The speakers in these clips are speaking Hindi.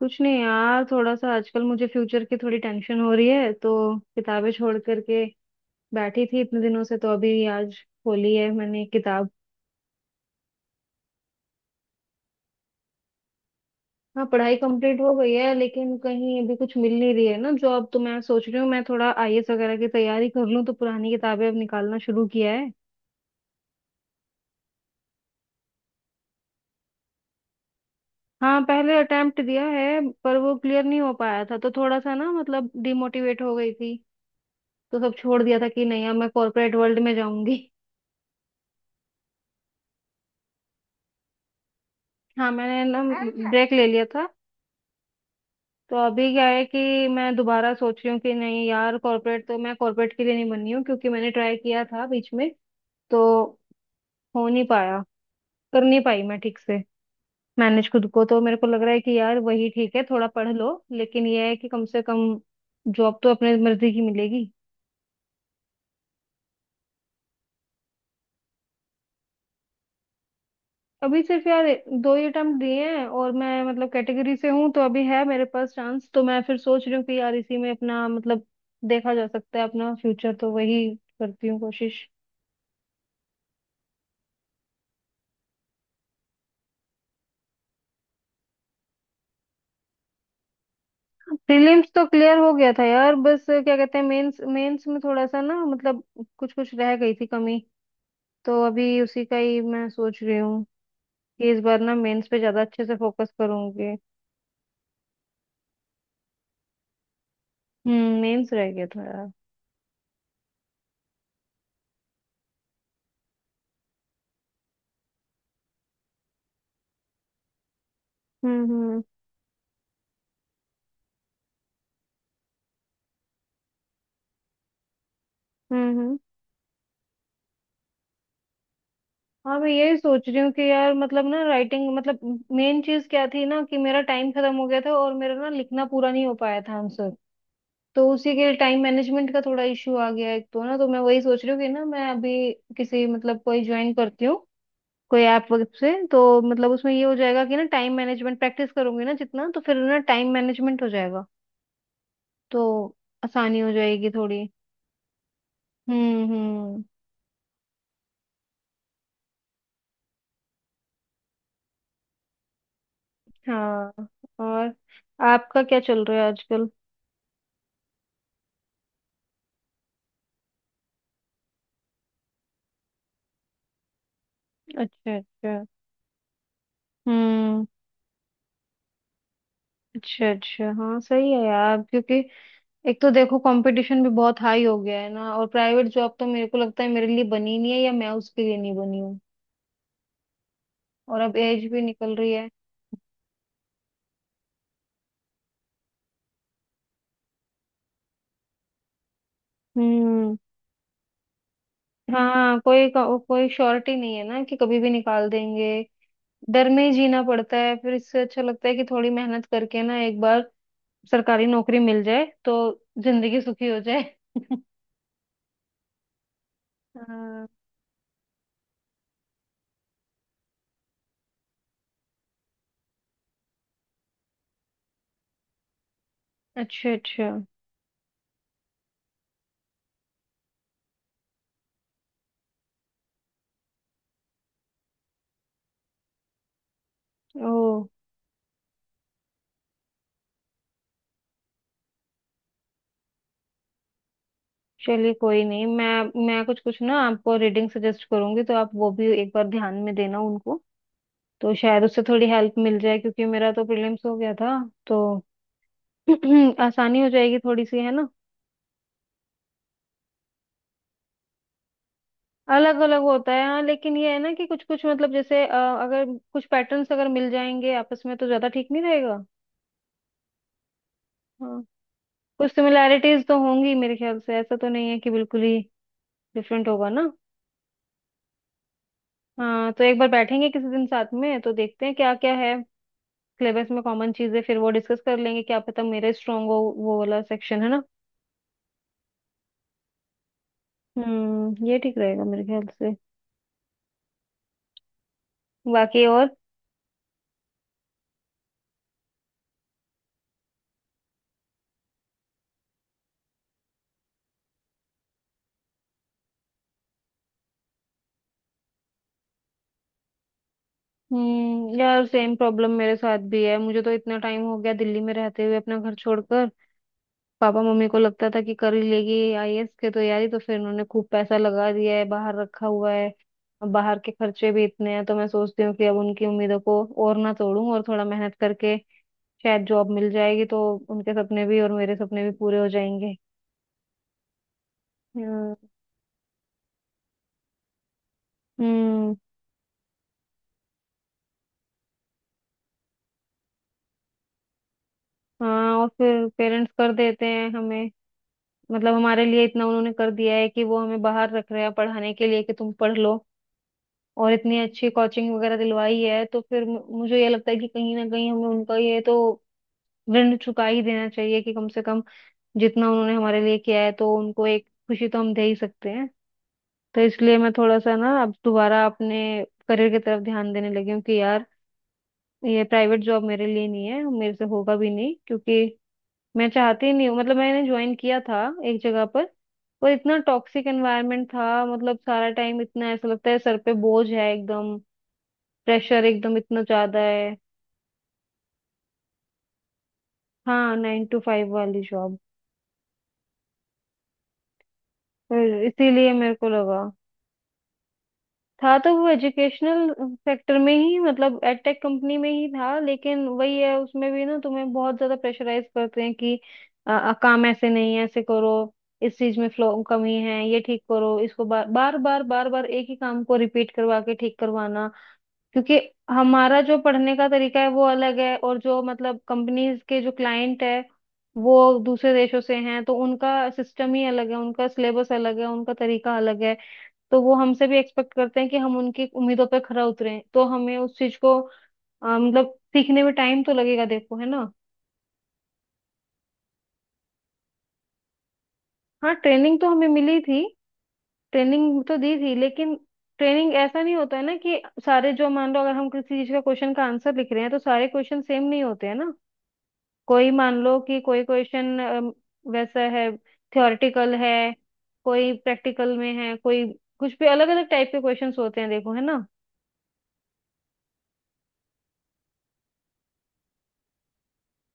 कुछ नहीं यार। थोड़ा सा आजकल मुझे फ्यूचर की थोड़ी टेंशन हो रही है तो किताबें छोड़ करके बैठी थी इतने दिनों से। तो अभी आज खोली है मैंने किताब। हाँ, पढ़ाई कंप्लीट हो गई है लेकिन कहीं अभी कुछ मिल नहीं रही है ना जॉब। तो मैं सोच रही हूँ मैं थोड़ा आईएएस वगैरह की तैयारी कर लूँ, तो पुरानी किताबें अब निकालना शुरू किया है। हाँ, पहले अटेम्प्ट दिया है पर वो क्लियर नहीं हो पाया था तो थोड़ा सा ना मतलब डिमोटिवेट हो गई थी। तो सब छोड़ दिया था कि नहीं अब मैं कॉर्पोरेट वर्ल्ड में जाऊंगी। हाँ, मैंने ना ब्रेक ले लिया था। तो अभी क्या है कि मैं दोबारा सोच रही हूँ कि नहीं यार, कॉर्पोरेट तो मैं कॉर्पोरेट के लिए नहीं बनी हूँ क्योंकि मैंने ट्राई किया था बीच में। तो हो नहीं पाया, कर नहीं पाई मैं ठीक से मैनेज खुद को। तो मेरे को लग रहा है कि यार वही ठीक है, थोड़ा पढ़ लो, लेकिन ये है कि कम से कम जॉब तो अपने मर्जी की मिलेगी। अभी सिर्फ यार दो ही अटेम्प्ट दिए हैं, और मैं मतलब कैटेगरी से हूँ तो अभी है मेरे पास चांस। तो मैं फिर सोच रही हूँ कि यार इसी में अपना मतलब देखा जा सकता है अपना फ्यूचर, तो वही करती हूँ कोशिश। प्रीलिम्स तो क्लियर हो गया था यार। बस क्या कहते हैं, मेंस, मेंस में थोड़ा सा ना मतलब कुछ कुछ रह गई थी कमी। तो अभी उसी का ही मैं सोच रही हूँ कि इस बार ना मेंस पे ज्यादा अच्छे से फोकस करूंगी। हम्म, मेंस रह गया था यार। हम्म। हम्म। हम्म। हम्म। हाँ, मैं यही सोच रही हूँ कि यार मतलब ना राइटिंग मतलब मेन चीज क्या थी ना कि मेरा टाइम खत्म हो गया था और मेरा ना लिखना पूरा नहीं हो पाया था आंसर। तो उसी के टाइम मैनेजमेंट का थोड़ा इश्यू आ गया एक तो ना, तो मैं वही सोच रही हूँ कि ना मैं अभी किसी मतलब कोई ज्वाइन करती हूँ कोई ऐप वगैरह से तो मतलब उसमें ये हो जाएगा कि ना टाइम मैनेजमेंट प्रैक्टिस करूंगी ना जितना, तो फिर ना टाइम मैनेजमेंट हो जाएगा, तो आसानी हो जाएगी थोड़ी। हम्म। हम्म। हाँ। और आपका क्या चल रहा है आजकल? अच्छा अच्छा। हम्म। अच्छा अच्छा, हाँ सही है यार, क्योंकि एक तो देखो कंपटीशन भी बहुत हाई हो गया है ना, और प्राइवेट जॉब तो मेरे को लगता है मेरे लिए बनी नहीं है या मैं उसके लिए नहीं बनी हूँ। और अब एज भी निकल रही है। हम्म। हाँ, कोई कोई श्योरिटी नहीं है ना कि कभी भी निकाल देंगे। डर में ही जीना पड़ता है फिर, इससे अच्छा लगता है कि थोड़ी मेहनत करके ना एक बार सरकारी नौकरी मिल जाए तो जिंदगी सुखी हो जाए। हाँ। अच्छा अच्छा। ओ। चलिए कोई नहीं, मैं कुछ कुछ ना आपको रीडिंग सजेस्ट करूंगी तो आप वो भी एक बार ध्यान में देना उनको। तो शायद उससे थोड़ी हेल्प मिल जाए क्योंकि मेरा तो प्रीलिम्स हो गया था। तो आसानी हो जाएगी थोड़ी सी, है ना? अलग अलग होता है हाँ, लेकिन ये है ना कि कुछ कुछ मतलब जैसे अगर कुछ पैटर्न्स अगर मिल जाएंगे आपस में तो ज्यादा ठीक नहीं रहेगा? हाँ, कुछ सिमिलैरिटीज तो होंगी मेरे ख्याल से, ऐसा तो नहीं है कि बिल्कुल ही डिफरेंट होगा ना। हाँ, तो एक बार बैठेंगे किसी दिन साथ में तो देखते हैं क्या क्या है सिलेबस में कॉमन चीजें, फिर वो डिस्कस कर लेंगे, क्या पता मेरा स्ट्रांग हो वो वाला सेक्शन, है ना? हम्म, ये ठीक रहेगा मेरे ख्याल से। बाकी और। हम्म, यार सेम प्रॉब्लम मेरे साथ भी है, मुझे तो इतना टाइम हो गया दिल्ली में रहते हुए अपना घर छोड़कर। पापा मम्मी को लगता था कि कर ही लेगी आईएएस की तैयारी, तो फिर उन्होंने खूब पैसा लगा दिया है, बाहर रखा हुआ है। अब बाहर के खर्चे भी इतने हैं तो मैं सोचती हूँ कि अब उनकी उम्मीदों को और ना तोड़ूं, और थोड़ा मेहनत करके शायद जॉब मिल जाएगी तो उनके सपने भी और मेरे सपने भी पूरे हो जाएंगे। हम्म। हम्म। हाँ, और फिर पेरेंट्स कर देते हैं हमें, मतलब हमारे लिए इतना उन्होंने कर दिया है कि वो हमें बाहर रख रहे हैं पढ़ाने के लिए कि तुम पढ़ लो, और इतनी अच्छी कोचिंग वगैरह दिलवाई है, तो फिर मुझे ये लगता है कि कहीं ना कहीं हमें उनका ये तो ऋण चुका ही देना चाहिए कि कम से कम जितना उन्होंने हमारे लिए किया है तो उनको एक खुशी तो हम दे ही सकते हैं। तो इसलिए मैं थोड़ा सा ना अब दोबारा अपने करियर की तरफ ध्यान देने लगी हूँ कि यार ये प्राइवेट जॉब मेरे लिए नहीं है, मेरे से होगा भी नहीं क्योंकि मैं चाहती ही नहीं हूँ। मतलब मैंने ज्वाइन किया था एक जगह पर इतना टॉक्सिक एनवायरनमेंट था, मतलब सारा टाइम इतना ऐसा लगता है सर पे बोझ है एकदम, प्रेशर एकदम इतना ज्यादा है। हाँ, नाइन टू फाइव वाली जॉब। इसीलिए मेरे को लगा था, तो वो एजुकेशनल सेक्टर में ही मतलब एडटेक कंपनी में ही था, लेकिन वही है उसमें भी ना तुम्हें बहुत ज्यादा प्रेशराइज करते हैं कि काम ऐसे नहीं है ऐसे करो, इस चीज में फ्लो कमी है ये ठीक करो इसको, बार बार बार बार बार एक ही काम को रिपीट करवा के ठीक करवाना, क्योंकि हमारा जो पढ़ने का तरीका है वो अलग है और जो मतलब कंपनीज के जो क्लाइंट है वो दूसरे देशों से हैं तो उनका सिस्टम ही अलग है, उनका सिलेबस अलग है, उनका तरीका अलग है। तो वो हमसे भी एक्सपेक्ट करते हैं कि हम उनकी उम्मीदों पर खरा उतरें, तो हमें उस चीज को मतलब सीखने में टाइम तो लगेगा देखो, है ना? हाँ, ट्रेनिंग तो हमें मिली थी। ट्रेनिंग तो दी थी, लेकिन ट्रेनिंग ऐसा नहीं होता है ना कि सारे जो मान लो अगर हम किसी चीज का क्वेश्चन का आंसर लिख रहे हैं तो सारे क्वेश्चन सेम नहीं होते हैं ना। कोई मान लो कि कोई क्वेश्चन वैसा है, थ्योरेटिकल है, कोई प्रैक्टिकल में है, कोई कुछ भी अलग अलग टाइप के क्वेश्चंस होते हैं देखो, है ना?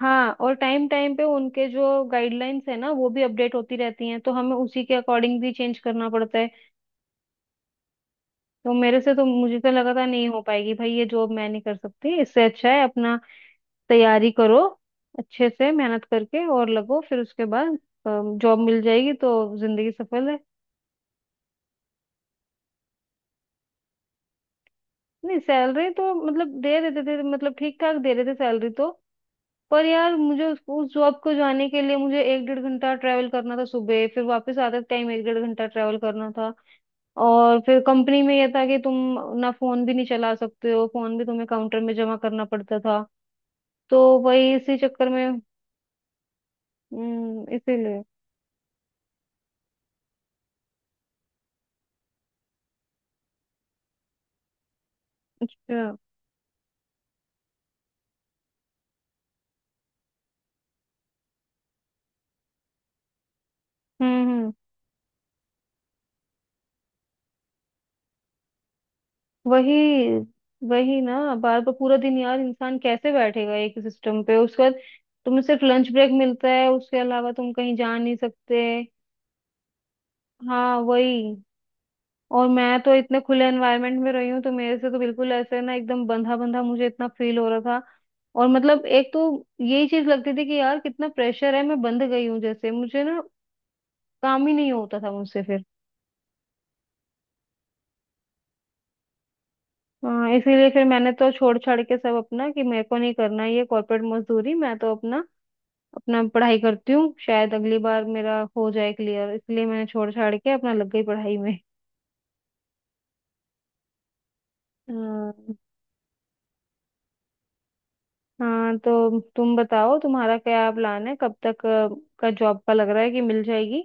हाँ, और टाइम टाइम पे उनके जो गाइडलाइंस है ना वो भी अपडेट होती रहती हैं, तो हमें उसी के अकॉर्डिंग भी चेंज करना पड़ता है। तो मेरे से तो, मुझे तो लगा था नहीं हो पाएगी भाई ये जॉब, मैं नहीं कर सकती, इससे अच्छा है अपना तैयारी करो अच्छे से, मेहनत करके और लगो फिर उसके बाद जॉब मिल जाएगी तो जिंदगी सफल है। नहीं, सैलरी तो मतलब दे देते थे, मतलब ठीक ठाक दे रहे थे सैलरी तो। पर यार मुझे उस जॉब को जाने के लिए मुझे एक डेढ़ घंटा ट्रैवल करना था सुबह, फिर वापस आते टाइम एक डेढ़ घंटा ट्रैवल करना था। और फिर कंपनी में ये था कि तुम ना फोन भी नहीं चला सकते हो, फोन भी तुम्हें काउंटर में जमा करना पड़ता था। तो वही इसी चक्कर में। हम्म, इसीलिए। अच्छा। हम्म। हम्म। वही। वही ना, बार बार पूरा दिन यार इंसान कैसे बैठेगा एक सिस्टम पे? उसके बाद तुम्हें सिर्फ लंच ब्रेक मिलता है, उसके अलावा तुम कहीं जा नहीं सकते। हाँ वही। और मैं तो इतने खुले एनवायरनमेंट में रही हूँ, तो मेरे से तो बिल्कुल ऐसे ना, एकदम बंधा बंधा मुझे इतना फील हो रहा था। और मतलब एक तो यही चीज लगती थी कि यार कितना प्रेशर है, मैं बंद गई हूँ जैसे, मुझे ना काम ही नहीं होता था मुझसे फिर। हाँ, इसीलिए फिर मैंने तो छोड़ छाड़ के सब अपना कि मेरे को नहीं करना ये कॉर्पोरेट मजदूरी, मैं तो अपना अपना पढ़ाई करती हूँ शायद अगली बार मेरा हो जाए क्लियर, इसलिए मैंने छोड़ छाड़ के अपना लग गई पढ़ाई में। हाँ। हाँ, तो तुम बताओ तुम्हारा क्या प्लान है, कब तक का जॉब का लग रहा है कि मिल जाएगी?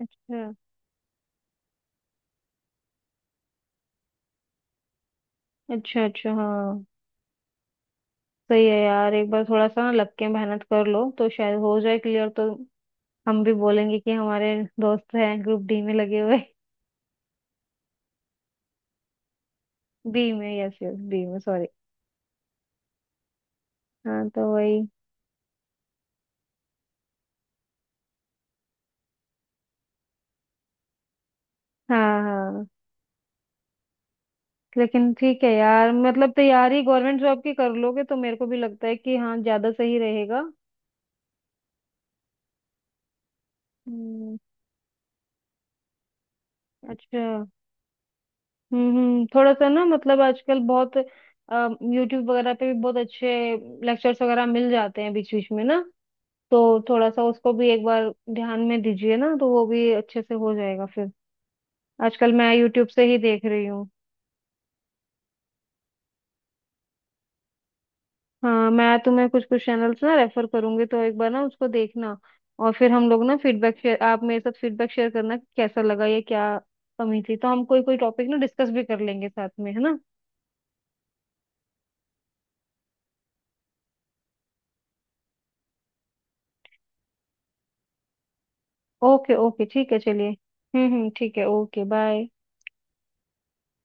अच्छा अच्छा। अच्छा, हाँ सही है यार, एक बार थोड़ा सा ना लग के मेहनत कर लो तो शायद हो जाए क्लियर तो हम भी बोलेंगे कि हमारे दोस्त हैं ग्रुप डी में लगे हुए। बी में, यस यस, बी में, सॉरी। हाँ तो वही। हाँ हाँ, लेकिन ठीक है यार, मतलब तैयारी गवर्नमेंट जॉब की कर लोगे तो मेरे को भी लगता है कि हाँ ज्यादा सही रहेगा। हम्म। अच्छा। हम्म। हम्म। थोड़ा सा ना मतलब आजकल बहुत यूट्यूब वगैरह पे भी बहुत अच्छे लेक्चर्स वगैरह मिल जाते हैं बीच बीच में ना, तो थोड़ा सा उसको भी एक बार ध्यान में दीजिए ना तो वो भी अच्छे से हो जाएगा फिर। आजकल मैं यूट्यूब से ही देख रही हूँ। हाँ, मैं तुम्हें कुछ कुछ चैनल्स ना रेफर करूंगी तो एक बार ना उसको देखना, और फिर हम लोग ना फीडबैक शेयर, आप मेरे साथ फीडबैक शेयर करना कि कैसा लगा या क्या कमी थी, तो हम कोई कोई टॉपिक ना डिस्कस भी कर लेंगे साथ में, है ना? ओके ओके ठीक है चलिए। हम्म, ठीक है, ओके बाय।